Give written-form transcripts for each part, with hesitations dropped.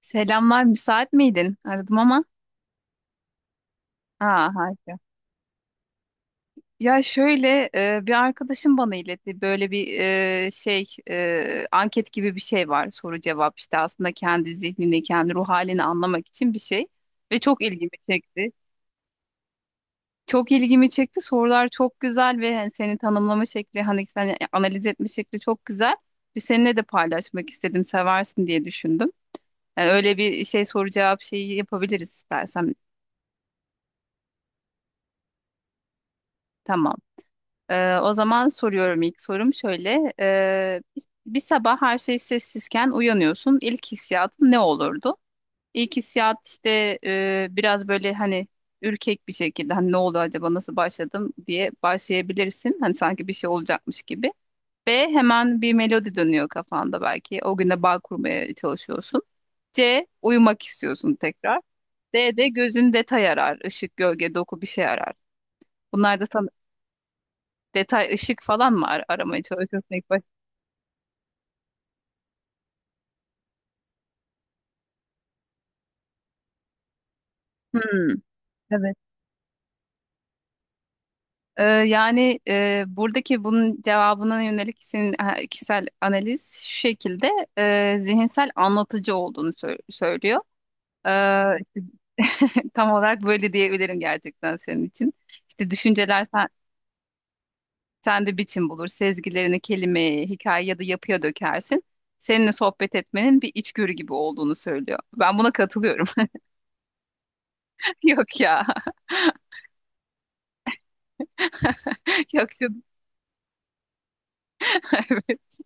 Selamlar, müsait miydin? Aradım ama. Aa, harika. Ya şöyle bir arkadaşım bana iletti. Böyle bir anket gibi bir şey var. Soru cevap işte aslında kendi zihnini, kendi ruh halini anlamak için bir şey. Ve çok ilgimi çekti. Çok ilgimi çekti. Sorular çok güzel ve hani seni tanımlama şekli, hani seni analiz etme şekli çok güzel. Bir seninle de paylaşmak istedim, seversin diye düşündüm. Yani öyle bir şey soru cevap şeyi yapabiliriz istersen. Tamam. O zaman soruyorum, ilk sorum şöyle. Bir sabah her şey sessizken uyanıyorsun. İlk hissiyatın ne olurdu? İlk hissiyat işte biraz böyle hani ürkek bir şekilde hani ne oldu acaba, nasıl başladım diye başlayabilirsin. Hani sanki bir şey olacakmış gibi. B, hemen bir melodi dönüyor kafanda belki. O güne bağ kurmaya çalışıyorsun. C, uyumak istiyorsun tekrar. D de gözün detay arar. Işık, gölge, doku bir şey arar. Bunlar da sana detay, ışık falan mı aramaya çalışıyorsun ilk başta? Hmm, evet. Buradaki bunun cevabına yönelik senin kişisel analiz şu şekilde zihinsel anlatıcı olduğunu söylüyor. Ee, tam olarak böyle diyebilirim gerçekten senin için. İşte düşünceler sende biçim bulur, sezgilerini kelimeye, hikaye ya da yapıya dökersin. Seninle sohbet etmenin bir içgörü gibi olduğunu söylüyor. Ben buna katılıyorum. Yok ya. Yok ya. Evet.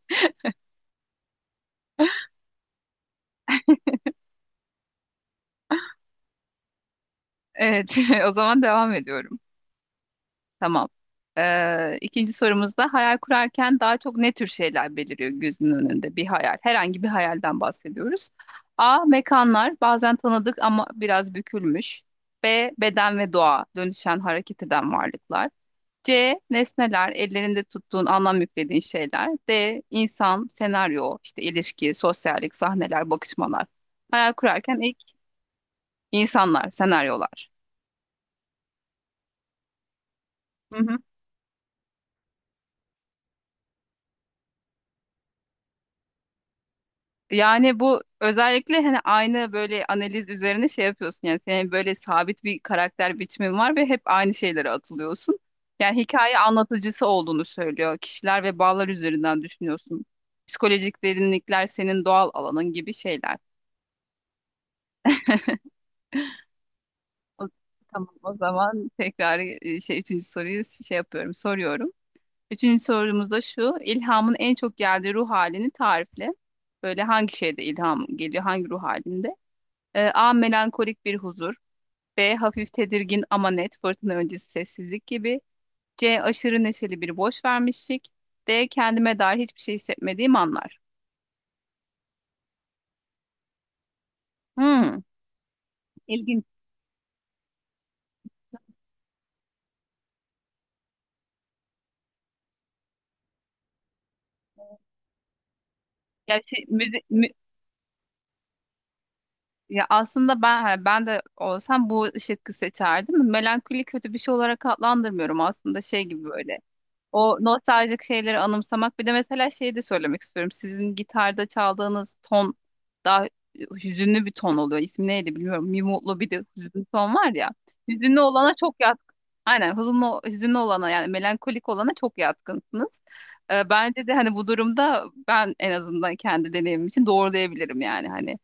Evet, o zaman devam ediyorum. Tamam. İkinci sorumuzda hayal kurarken daha çok ne tür şeyler beliriyor gözünün önünde? Bir hayal, herhangi bir hayalden bahsediyoruz. A. Mekanlar, bazen tanıdık ama biraz bükülmüş. B. Beden ve doğa, dönüşen, hareket eden varlıklar. C. Nesneler, ellerinde tuttuğun, anlam yüklediğin şeyler. D. İnsan, senaryo, işte ilişki, sosyallik, sahneler, bakışmalar. Hayal kurarken ilk insanlar, senaryolar. Hı hı. Yani bu özellikle hani aynı böyle analiz üzerine şey yapıyorsun, yani senin böyle sabit bir karakter biçimin var ve hep aynı şeylere atılıyorsun. Yani hikaye anlatıcısı olduğunu söylüyor. Kişiler ve bağlar üzerinden düşünüyorsun. Psikolojik derinlikler senin doğal alanın gibi şeyler. O- Tamam, o zaman tekrar üçüncü soruyu şey yapıyorum, soruyorum. Üçüncü sorumuz da şu: ilhamın en çok geldiği ruh halini tarifle. Böyle hangi şeyde ilham geliyor, hangi ruh halinde? A. Melankolik bir huzur. B. Hafif tedirgin ama net, fırtına öncesi sessizlik gibi. C. Aşırı neşeli bir boş vermişlik. D. Kendime dair hiçbir şey hissetmediğim anlar. Hmm, ilginç. Ya, şey, müzi- mü- Ya aslında ben ha, ben de olsam bu şıkkı seçerdim. Melankoli kötü bir şey olarak adlandırmıyorum aslında, şey gibi böyle. O nostaljik şeyleri anımsamak. Bir de mesela şey de söylemek istiyorum. Sizin gitarda çaldığınız ton daha hüzünlü bir ton oluyor. İsmi neydi bilmiyorum. Bir mutlu bir de hüzünlü ton var ya. Hüzünlü olana çok yatkın. Aynen, hüzünlü olana yani melankolik olana çok yatkınsınız. Bence de hani bu durumda ben en azından kendi deneyimim için doğrulayabilirim yani hani.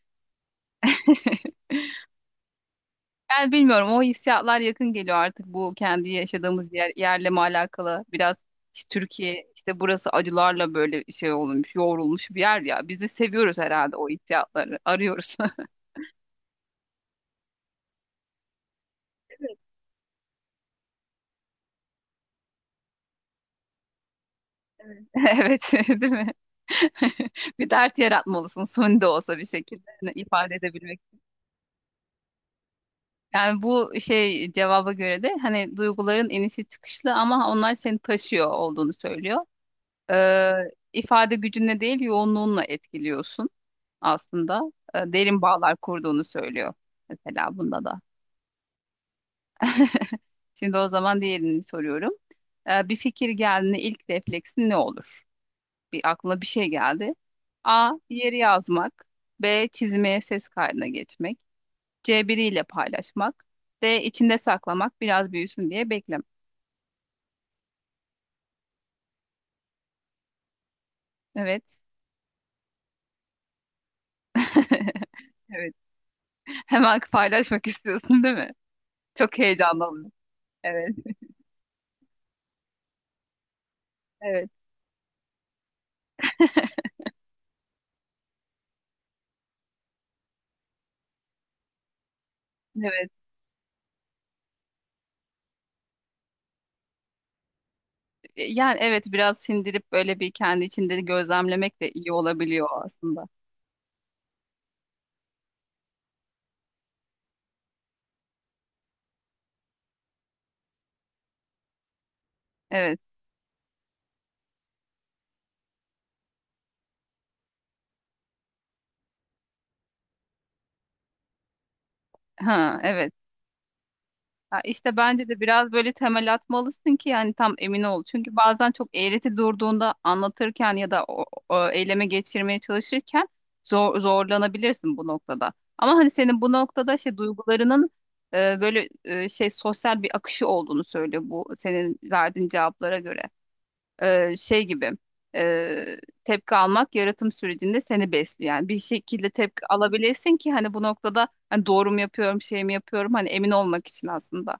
Yani bilmiyorum, o hissiyatlar yakın geliyor artık bu kendi yaşadığımız yerle mi alakalı, biraz işte Türkiye, işte burası acılarla böyle şey olmuş, yoğrulmuş bir yer ya, biz de seviyoruz herhalde, o hissiyatları arıyoruz. Evet. Evet, değil mi? Bir dert yaratmalısın, suni de olsa, bir şekilde hani ifade edebilmek. Yani bu şey cevaba göre de hani duyguların inişi çıkışlı ama onlar seni taşıyor olduğunu söylüyor. e, ifade gücünle değil, yoğunluğunla etkiliyorsun aslında. Derin bağlar kurduğunu söylüyor mesela bunda da. Şimdi o zaman diğerini soruyorum. Bir fikir geldiğinde ilk refleksin ne olur? Bir aklına bir şey geldi. A. Yeri yazmak. B. Çizmeye, ses kaydına geçmek. C. Biriyle paylaşmak. D. içinde saklamak, biraz büyüsün diye beklemek. Evet. Evet. Hemen paylaşmak istiyorsun değil mi? Çok heyecanlı. Evet. Evet. Evet. Yani evet, biraz sindirip böyle bir kendi içinde gözlemlemek de iyi olabiliyor aslında. Evet. Ha evet. Ha, işte bence de biraz böyle temel atmalısın ki yani tam emin ol. Çünkü bazen çok eğreti durduğunda anlatırken ya da o eyleme geçirmeye çalışırken zorlanabilirsin bu noktada. Ama hani senin bu noktada şey duygularının şey sosyal bir akışı olduğunu söylüyor bu senin verdiğin cevaplara göre. Şey gibi e, tepki almak yaratım sürecinde seni besliyor. Yani bir şekilde tepki alabilesin ki hani bu noktada hani doğru mu yapıyorum, şey mi yapıyorum hani emin olmak için aslında.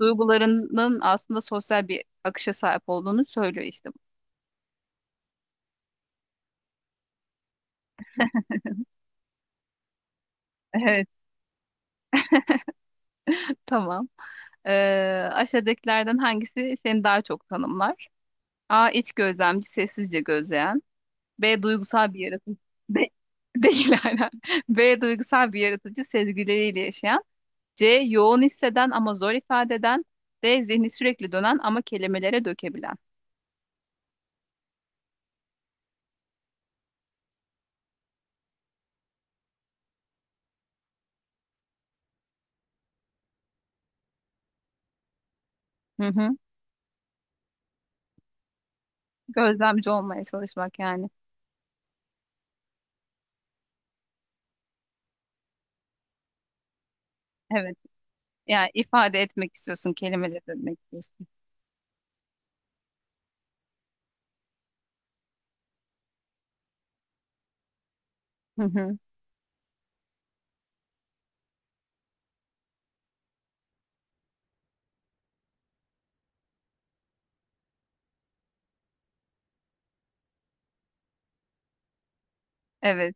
Duygularının aslında sosyal bir akışa sahip olduğunu söylüyor işte bu. Evet. Tamam. E, Aşağıdakilerden hangisi seni daha çok tanımlar? A. İç gözlemci, sessizce gözleyen. B. Duygusal bir yaratıcı. B- Değil, aynen. B. Duygusal bir yaratıcı, sezgileriyle yaşayan. C. Yoğun hisseden ama zor ifade eden. D. Zihni sürekli dönen ama kelimelere dökebilen. Hı hı. Gözlemci olmaya çalışmak yani. Evet. Yani ifade etmek istiyorsun, kelimelere dönmek istiyorsun. Hı hı. Evet.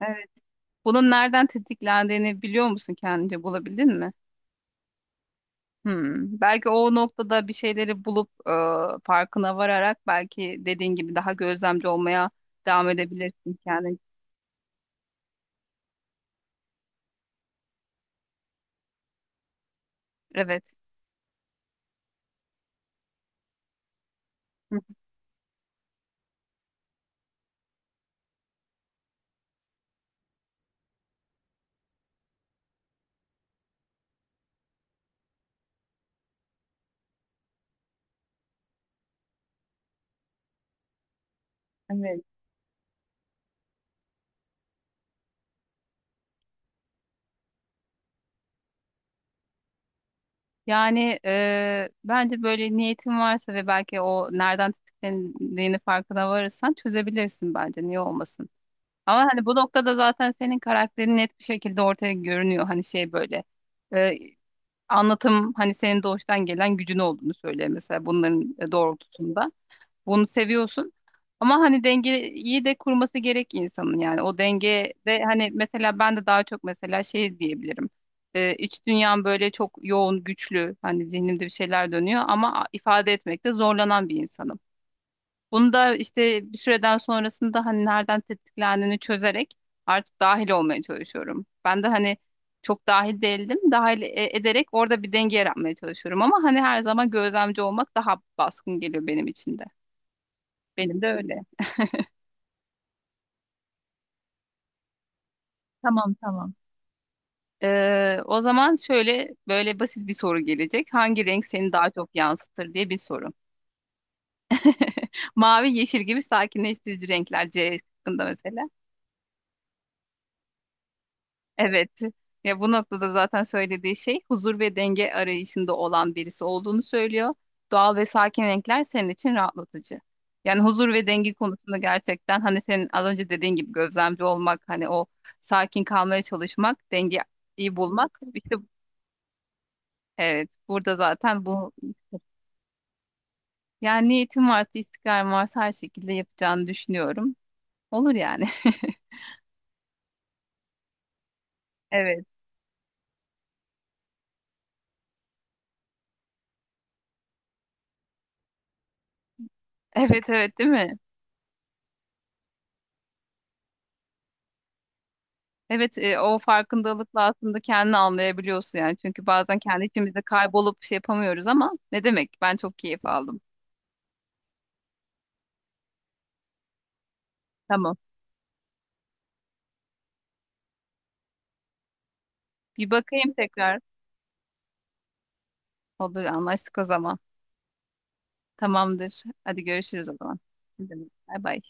Evet. Bunun nereden tetiklendiğini biliyor musun, kendince bulabildin mi? Hmm. Belki o noktada bir şeyleri bulup farkına vararak belki, dediğin gibi, daha gözlemci olmaya devam edebilirsin kendin. Evet. Hı hı. Evet. Bence böyle niyetin varsa ve belki o nereden tetiklendiğini farkına varırsan çözebilirsin bence. Niye olmasın? Ama hani bu noktada zaten senin karakterin net bir şekilde ortaya görünüyor. Hani şey böyle eee, Anlatım hani senin doğuştan gelen gücün olduğunu söylüyor mesela bunların doğrultusunda. Bunu seviyorsun. Ama hani dengeyi de kurması gerek insanın yani. O denge de hani mesela ben de daha çok mesela şey diyebilirim. İç dünyam böyle çok yoğun, güçlü. Hani zihnimde bir şeyler dönüyor ama ifade etmekte zorlanan bir insanım. Bunu da işte bir süreden sonrasında hani nereden tetiklendiğini çözerek artık dahil olmaya çalışıyorum. Ben de hani çok dahil değildim. Ederek orada bir denge yaratmaya çalışıyorum ama hani her zaman gözlemci olmak daha baskın geliyor benim için de. Benim de öyle. Tamam tamam. O zaman şöyle böyle basit bir soru gelecek. Hangi renk seni daha çok yansıtır diye bir soru. Mavi, yeşil gibi sakinleştirici renkler C şıkkında mesela. Evet. Ya bu noktada zaten söylediği şey, huzur ve denge arayışında olan birisi olduğunu söylüyor. Doğal ve sakin renkler senin için rahatlatıcı. Yani huzur ve denge konusunda gerçekten hani senin az önce dediğin gibi gözlemci olmak, hani o sakin kalmaya çalışmak, dengeyi bulmak. İşte evet, burada zaten bu. Yani niyetim varsa, istikrarım varsa her şekilde yapacağını düşünüyorum. Olur yani. Evet. Evet evet, değil mi? Evet, o farkındalıkla aslında kendini anlayabiliyorsun yani. Çünkü bazen kendi içimizde kaybolup şey yapamıyoruz ama ne demek? Ben çok keyif aldım. Tamam. Bir bakayım tekrar. Olur, anlaştık o zaman. Tamamdır. Hadi görüşürüz o zaman. Ne demek? Bay bay.